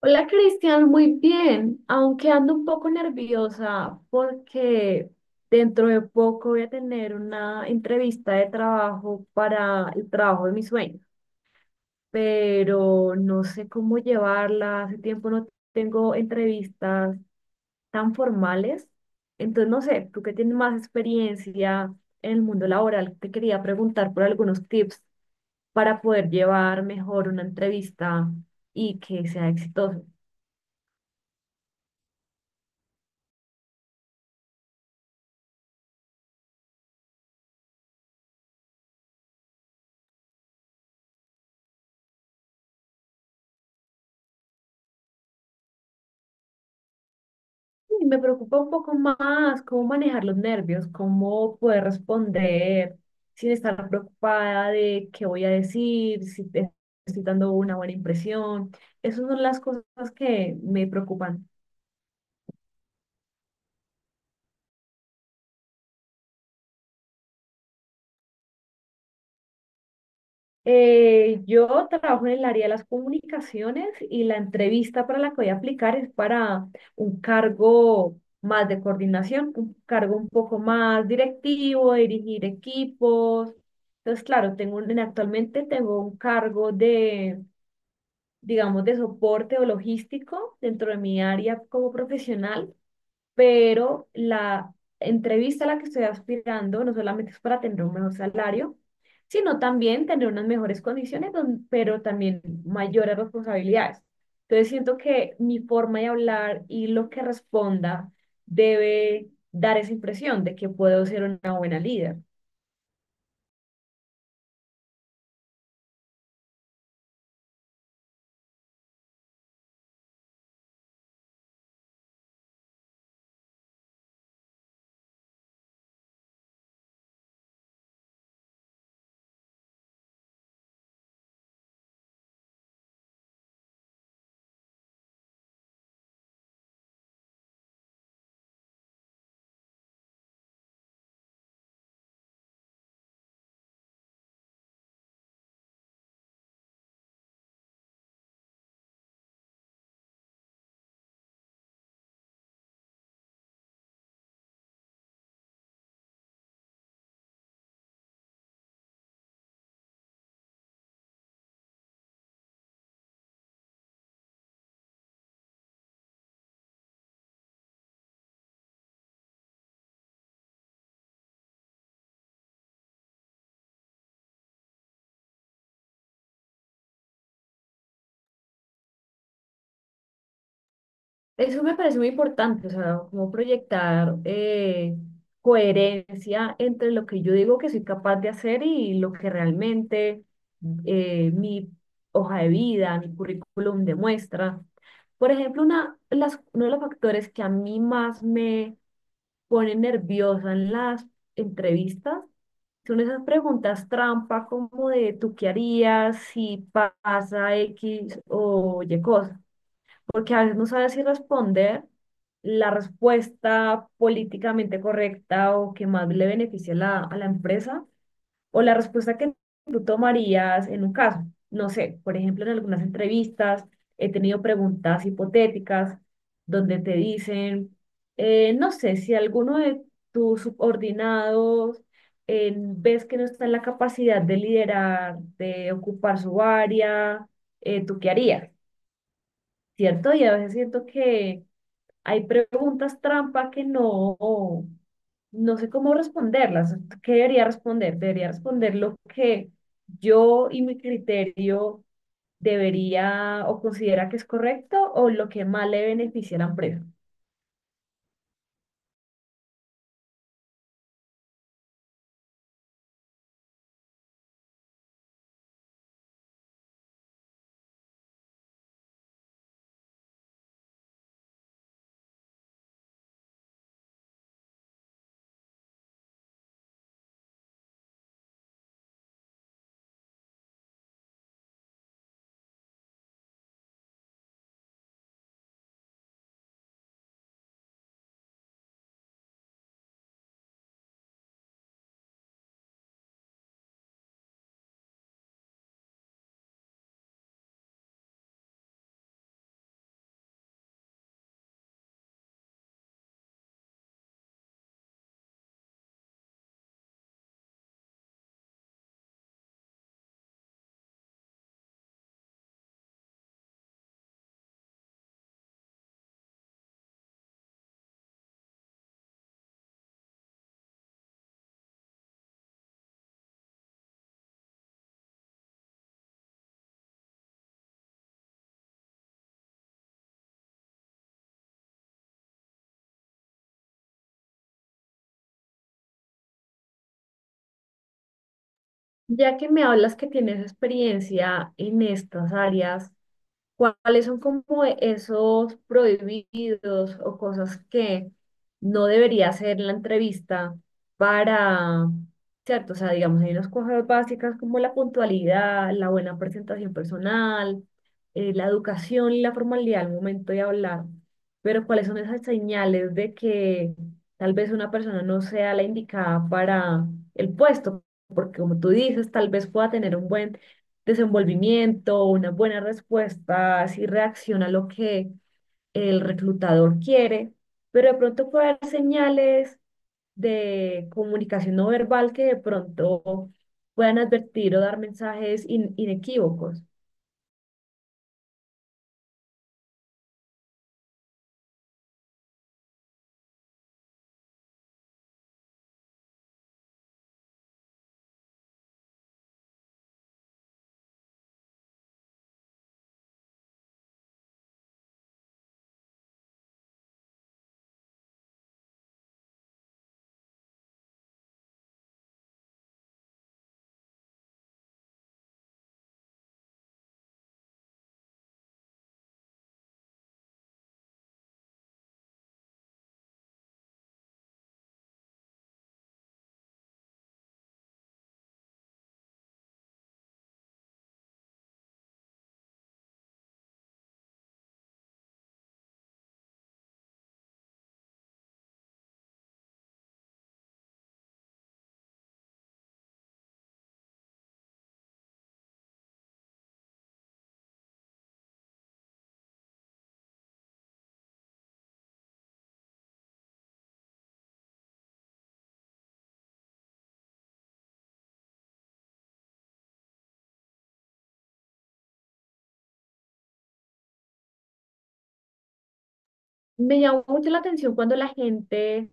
Hola Cristian, muy bien, aunque ando un poco nerviosa porque dentro de poco voy a tener una entrevista de trabajo para el trabajo de mis sueños, pero no sé cómo llevarla, hace tiempo no tengo entrevistas tan formales, entonces no sé, tú que tienes más experiencia en el mundo laboral, te quería preguntar por algunos tips para poder llevar mejor una entrevista y que sea exitosa. Y me preocupa un poco más cómo manejar los nervios, cómo poder responder sin estar preocupada de qué voy a decir, si te- estoy dando una buena impresión. Esas son las cosas que me preocupan. Yo trabajo en el área de las comunicaciones y la entrevista para la que voy a aplicar es para un cargo más de coordinación, un cargo un poco más directivo, dirigir equipos. Entonces, claro, actualmente tengo un cargo de, digamos, de soporte o logístico dentro de mi área como profesional, pero la entrevista a la que estoy aspirando no solamente es para tener un mejor salario, sino también tener unas mejores condiciones, pero también mayores responsabilidades. Entonces siento que mi forma de hablar y lo que responda debe dar esa impresión de que puedo ser una buena líder. Eso me parece muy importante, o sea, como proyectar coherencia entre lo que yo digo que soy capaz de hacer y lo que realmente mi hoja de vida, mi currículum demuestra. Por ejemplo, uno de los factores que a mí más me pone nerviosa en las entrevistas son esas preguntas trampa como de ¿tú qué harías si pasa X o Y cosa? Porque a veces no sabes si responder la respuesta políticamente correcta o que más le beneficie a a la empresa, o la respuesta que tú tomarías en un caso. No sé, por ejemplo, en algunas entrevistas he tenido preguntas hipotéticas donde te dicen, no sé, si alguno de tus subordinados ves que no está en la capacidad de liderar, de ocupar su área, ¿tú qué harías? ¿Cierto? Y a veces siento que hay preguntas trampa que no sé cómo responderlas. ¿Qué debería responder? Debería responder lo que yo y mi criterio debería o considera que es correcto, o lo que más le beneficia a la empresa. Ya que me hablas que tienes experiencia en estas áreas, ¿cuáles son como esos prohibidos o cosas que no debería hacer la entrevista para, cierto? O sea, digamos, hay unas cosas básicas como la puntualidad, la buena presentación personal, la educación y la formalidad al momento de hablar. Pero ¿cuáles son esas señales de que tal vez una persona no sea la indicada para el puesto? Porque como tú dices, tal vez pueda tener un buen desenvolvimiento, una buena respuesta, si reacciona a lo que el reclutador quiere, pero de pronto puede haber señales de comunicación no verbal que de pronto puedan advertir o dar mensajes inequívocos. Me llamó mucho la atención cuando la gente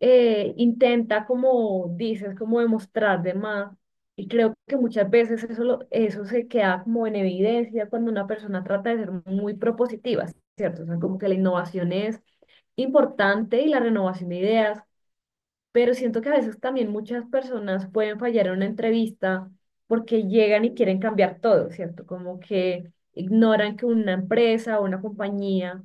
intenta, como dices, como demostrar de más. Y creo que muchas veces eso, eso se queda como en evidencia cuando una persona trata de ser muy propositiva, ¿cierto? O sea, como que la innovación es importante y la renovación de ideas, pero siento que a veces también muchas personas pueden fallar en una entrevista porque llegan y quieren cambiar todo, ¿cierto? Como que ignoran que una empresa o una compañía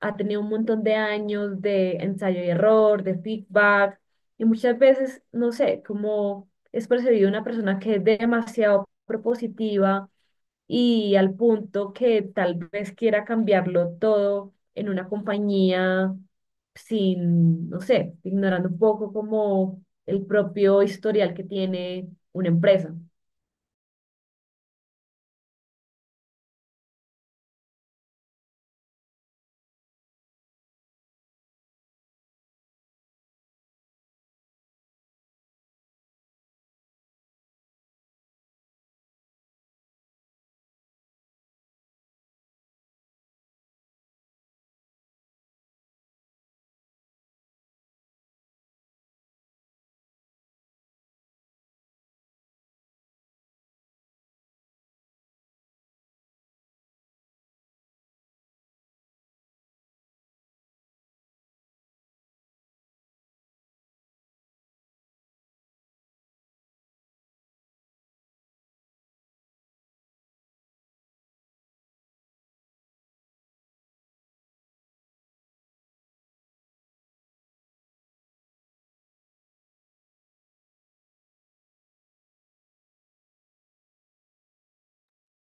ha tenido un montón de años de ensayo y error, de feedback, y muchas veces, no sé, como es percibido una persona que es demasiado propositiva y al punto que tal vez quiera cambiarlo todo en una compañía sin, no sé, ignorando un poco como el propio historial que tiene una empresa.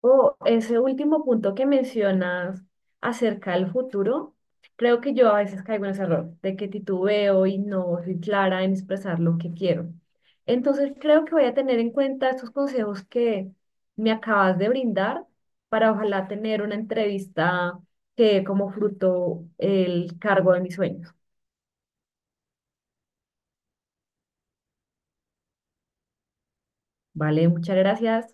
O ese último punto que mencionas acerca del futuro, creo que yo a veces caigo en ese error de que titubeo y no soy clara en expresar lo que quiero. Entonces creo que voy a tener en cuenta estos consejos que me acabas de brindar para ojalá tener una entrevista que dé como fruto el cargo de mis sueños. Vale, muchas gracias.